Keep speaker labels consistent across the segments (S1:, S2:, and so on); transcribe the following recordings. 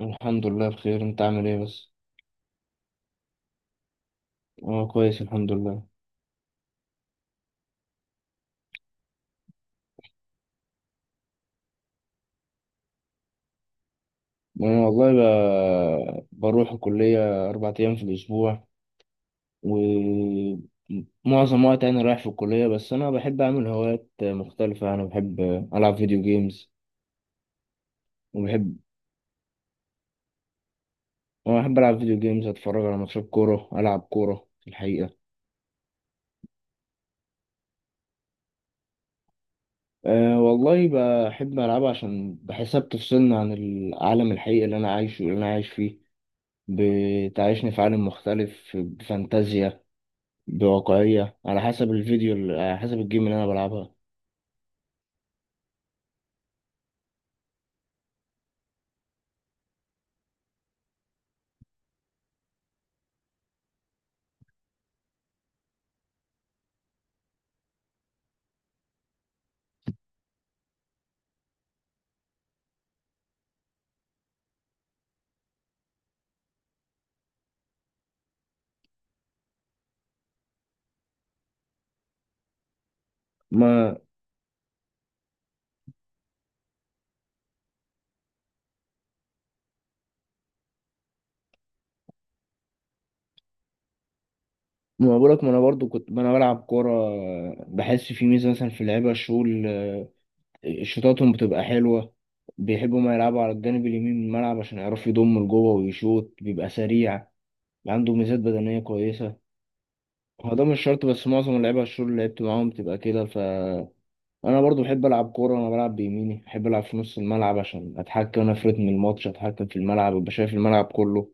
S1: الحمد لله، بخير. انت عامل ايه بس؟ انا كويس، الحمد لله. انا والله بروح الكلية اربع ايام في الاسبوع. ومعظم وقت انا رايح في الكلية، بس انا بحب اعمل هوايات مختلفة. العب فيديو جيمز وبحب انا بحب العب فيديو جيمز، اتفرج على ماتشات كورة، العب كورة في الحقيقة. أه والله بحب ألعبها عشان بحسها بتفصلني عن العالم الحقيقي اللي أنا عايشه، اللي أنا عايش فيه. بتعيشني في عالم مختلف بفانتازيا بواقعية على حسب الجيم اللي انا بلعبها. ما ما بقولك، ما انا برضو كنت ما انا بلعب كورة. بحس في ميزة مثلا في اللعيبة الشغل، شوطاتهم بتبقى حلوة، بيحبوا ما يلعبوا على الجانب اليمين من الملعب عشان يعرفوا يضموا لجوه، ويشوط بيبقى سريع، عنده ميزات بدنية كويسة. هو ده مش شرط، بس معظم اللعيبة الشغل اللي لعبت معاهم بتبقى كده. فأنا برضو بحب ألعب كورة، وأنا بلعب بيميني بحب ألعب في نص الملعب عشان أتحكم أنا في رتم الماتش، أتحكم في الملعب، أبقى شايف الملعب كله.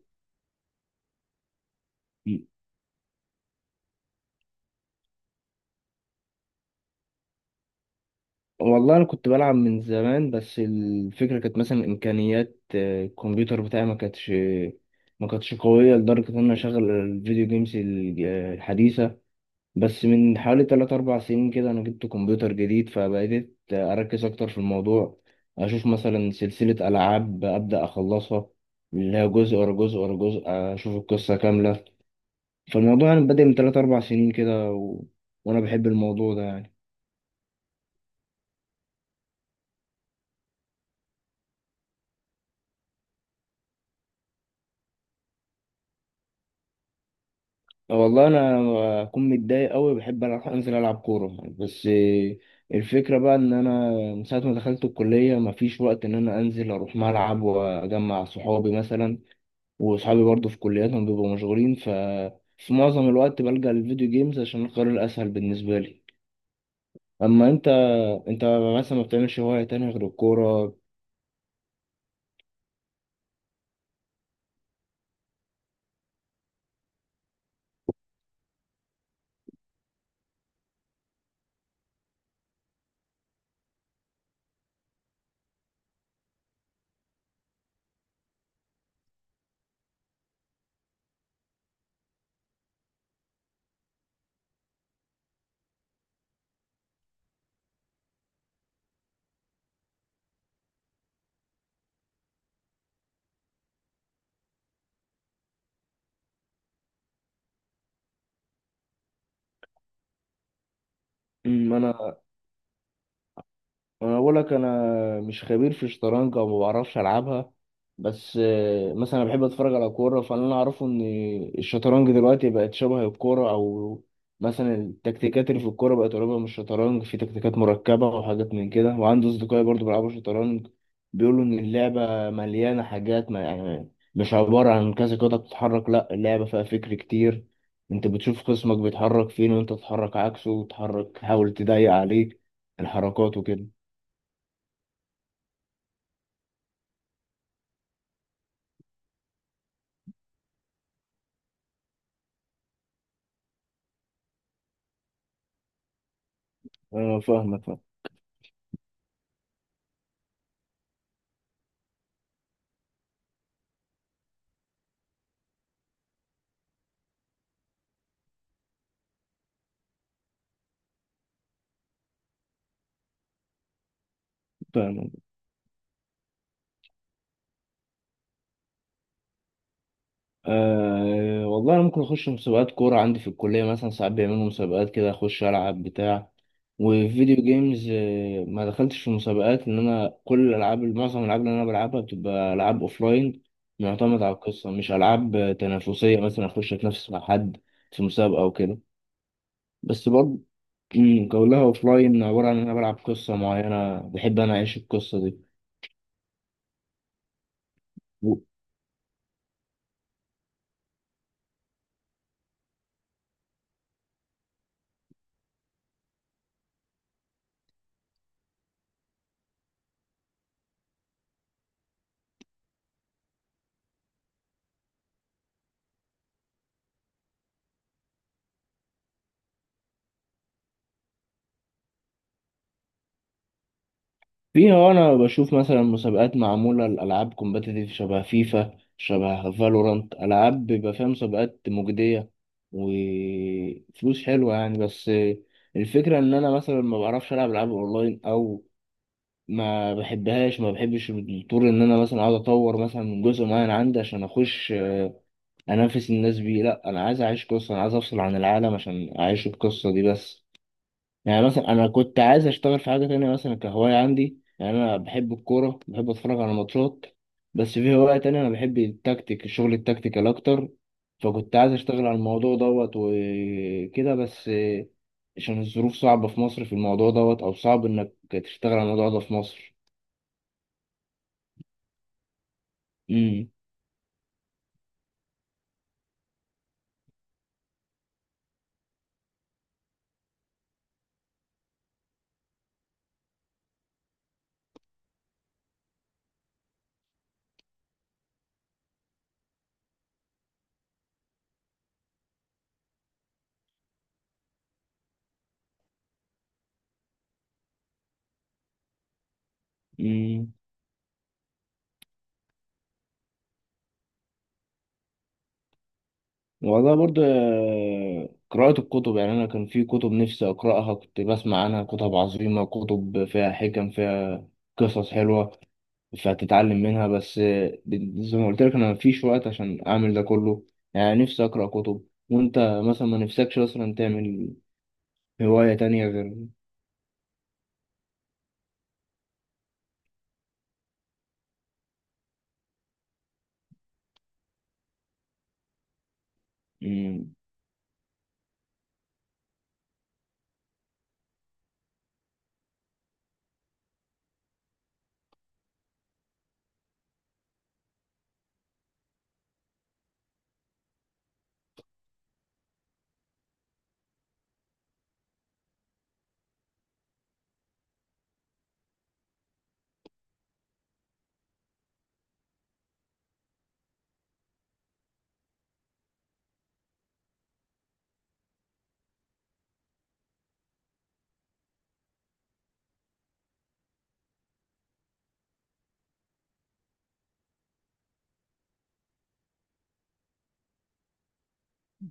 S1: والله انا كنت بلعب من زمان، بس الفكره كانت مثلا امكانيات الكمبيوتر بتاعي ما كانتش قويه لدرجه ان انا اشغل الفيديو جيمز الحديثه. بس من حوالي 3 4 سنين كده انا جبت كمبيوتر جديد، فبقيت اركز اكتر في الموضوع، اشوف مثلا سلسله العاب ابدا اخلصها، اللي هي جزء ورا جزء ورا جزء، اشوف القصه كامله. فالموضوع يعني بادئ من 3 4 سنين كده و... وانا بحب الموضوع ده يعني. والله انا لما اكون متضايق قوي بحب ألعب، انزل العب كوره، بس الفكره بقى ان انا من ساعه ما دخلت الكليه مفيش وقت ان انا انزل اروح ملعب واجمع صحابي مثلا، وصحابي برضو في كلياتهم بيبقوا مشغولين. في معظم الوقت بلجأ للفيديو جيمز عشان القرار الاسهل بالنسبه لي. اما انت مثلا ما بتعملش هوايه تانية غير الكوره؟ أمم، انا انا بقول لك، انا مش خبير في الشطرنج او ما بعرفش العبها. بس مثلا انا بحب اتفرج على كوره، فانا اللي اعرفه ان الشطرنج دلوقتي بقت شبه الكوره. او مثلا التكتيكات اللي في الكوره بقت قريبه من الشطرنج، في تكتيكات مركبه وحاجات من كده، وعندي اصدقائي برضو بيلعبوا شطرنج، بيقولوا ان اللعبه مليانه حاجات، ما يعني مش عباره عن كذا قطعه بتتحرك، لا اللعبه فيها فكر كتير. انت بتشوف خصمك بيتحرك فين، وانت تتحرك عكسه، وتحرك تحاول تضايق عليه الحركات وكده. اه، فاهمك. أه والله انا ممكن اخش مسابقات كوره عندي في الكليه، مثلا ساعات بيعملوا مسابقات كده اخش العب بتاع. وفيديو جيمز ما دخلتش في مسابقات، لان انا كل الالعاب، معظم الالعاب اللي انا بلعبها بتبقى العاب اوفلاين، معتمد على القصه، مش العاب تنافسيه مثلا اخش اتنافس مع حد في مسابقه او كده. بس برضه كلها اوفلاين، عباره عن ان انا بلعب قصه معينه، بحب انا اعيش القصه دي. فيها انا بشوف مثلا مسابقات معموله لالعاب كومبتيتيف، شبه فيفا، شبه فالورانت، العاب بيبقى فيها مسابقات مجديه وفلوس حلوه يعني. بس الفكره ان انا مثلا ما بعرفش العب العاب اونلاين، او ما بحبش الطور ان انا مثلا اقعد اطور مثلا من جزء معين عندي عشان اخش انافس الناس بيه. لا انا عايز اعيش قصه، انا عايز افصل عن العالم عشان اعيش القصه دي بس. يعني مثلا انا كنت عايز اشتغل في حاجه تانية مثلا كهوايه عندي، يعني انا بحب الكوره، بحب اتفرج على ماتشات، بس في هوايه تانية انا بحب التكتيك الشغل التكتيكال اكتر، فكنت عايز اشتغل على الموضوع دوت وكده، بس عشان الظروف صعبه في مصر في الموضوع دوت، او صعب انك تشتغل على الموضوع ده في مصر. امم امم والله برضه قراءة الكتب، يعني أنا كان في كتب نفسي أقرأها، كنت بسمع عنها كتب عظيمة، كتب فيها حكم، فيها قصص حلوة، فهتتعلم منها. بس زي ما قلت لك انا مفيش وقت عشان اعمل ده كله، يعني نفسي اقرا كتب. وانت مثلا ما نفسكش مثلا تعمل هواية تانية غير؟ مم.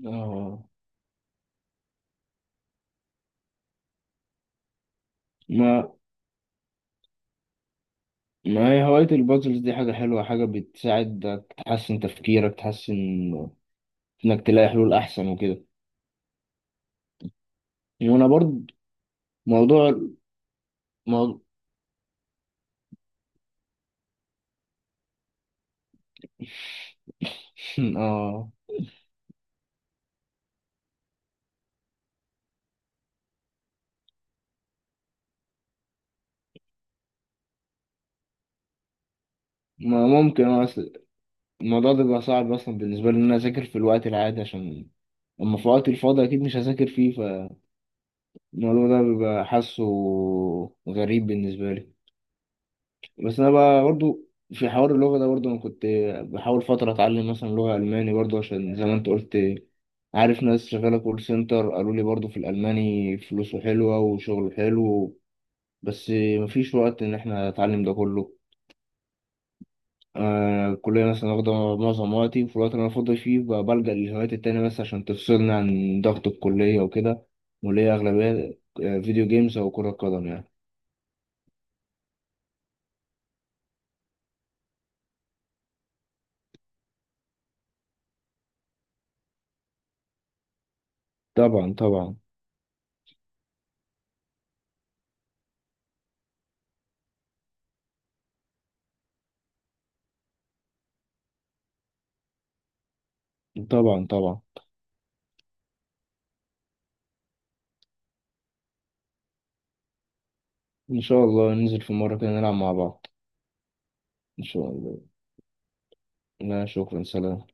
S1: اه، ما ما هي هواية البازلز دي حاجة حلوة، حاجة بتساعدك تحسن تفكيرك، تحسن انك تلاقي حلول احسن وكده. وانا برضه موضوع موضوع اه، ما ممكن الموضوع ده بيبقى صعب اصلا بالنسبه لي ان انا اذاكر في الوقت العادي، عشان اما في وقت الفاضي اكيد مش هذاكر فيه. فالموضوع ده بيبقى حاسه غريب بالنسبه لي. بس انا بقى برضو في حوار اللغه ده، برضو انا كنت بحاول فتره اتعلم مثلا لغه الماني برضو عشان زي ما انت قلت، عارف ناس شغاله كول سنتر قالوا لي برضو في الالماني فلوسه حلوه وشغله حلو، بس مفيش وقت ان احنا نتعلم ده كله. الكلية مثلا واخدة معظم وقتي، في الوقت اللي أنا فاضي فيه بلجأ للهوايات التانية بس عشان تفصلني عن ضغط الكلية وكده، واللي هي أغلبية فيديو جيمز أو كرة قدم يعني. طبعا طبعا. طبعا طبعا. إن شاء الله ننزل في مرة كده نلعب مع بعض. إن شاء الله. لا شكرا، سلام.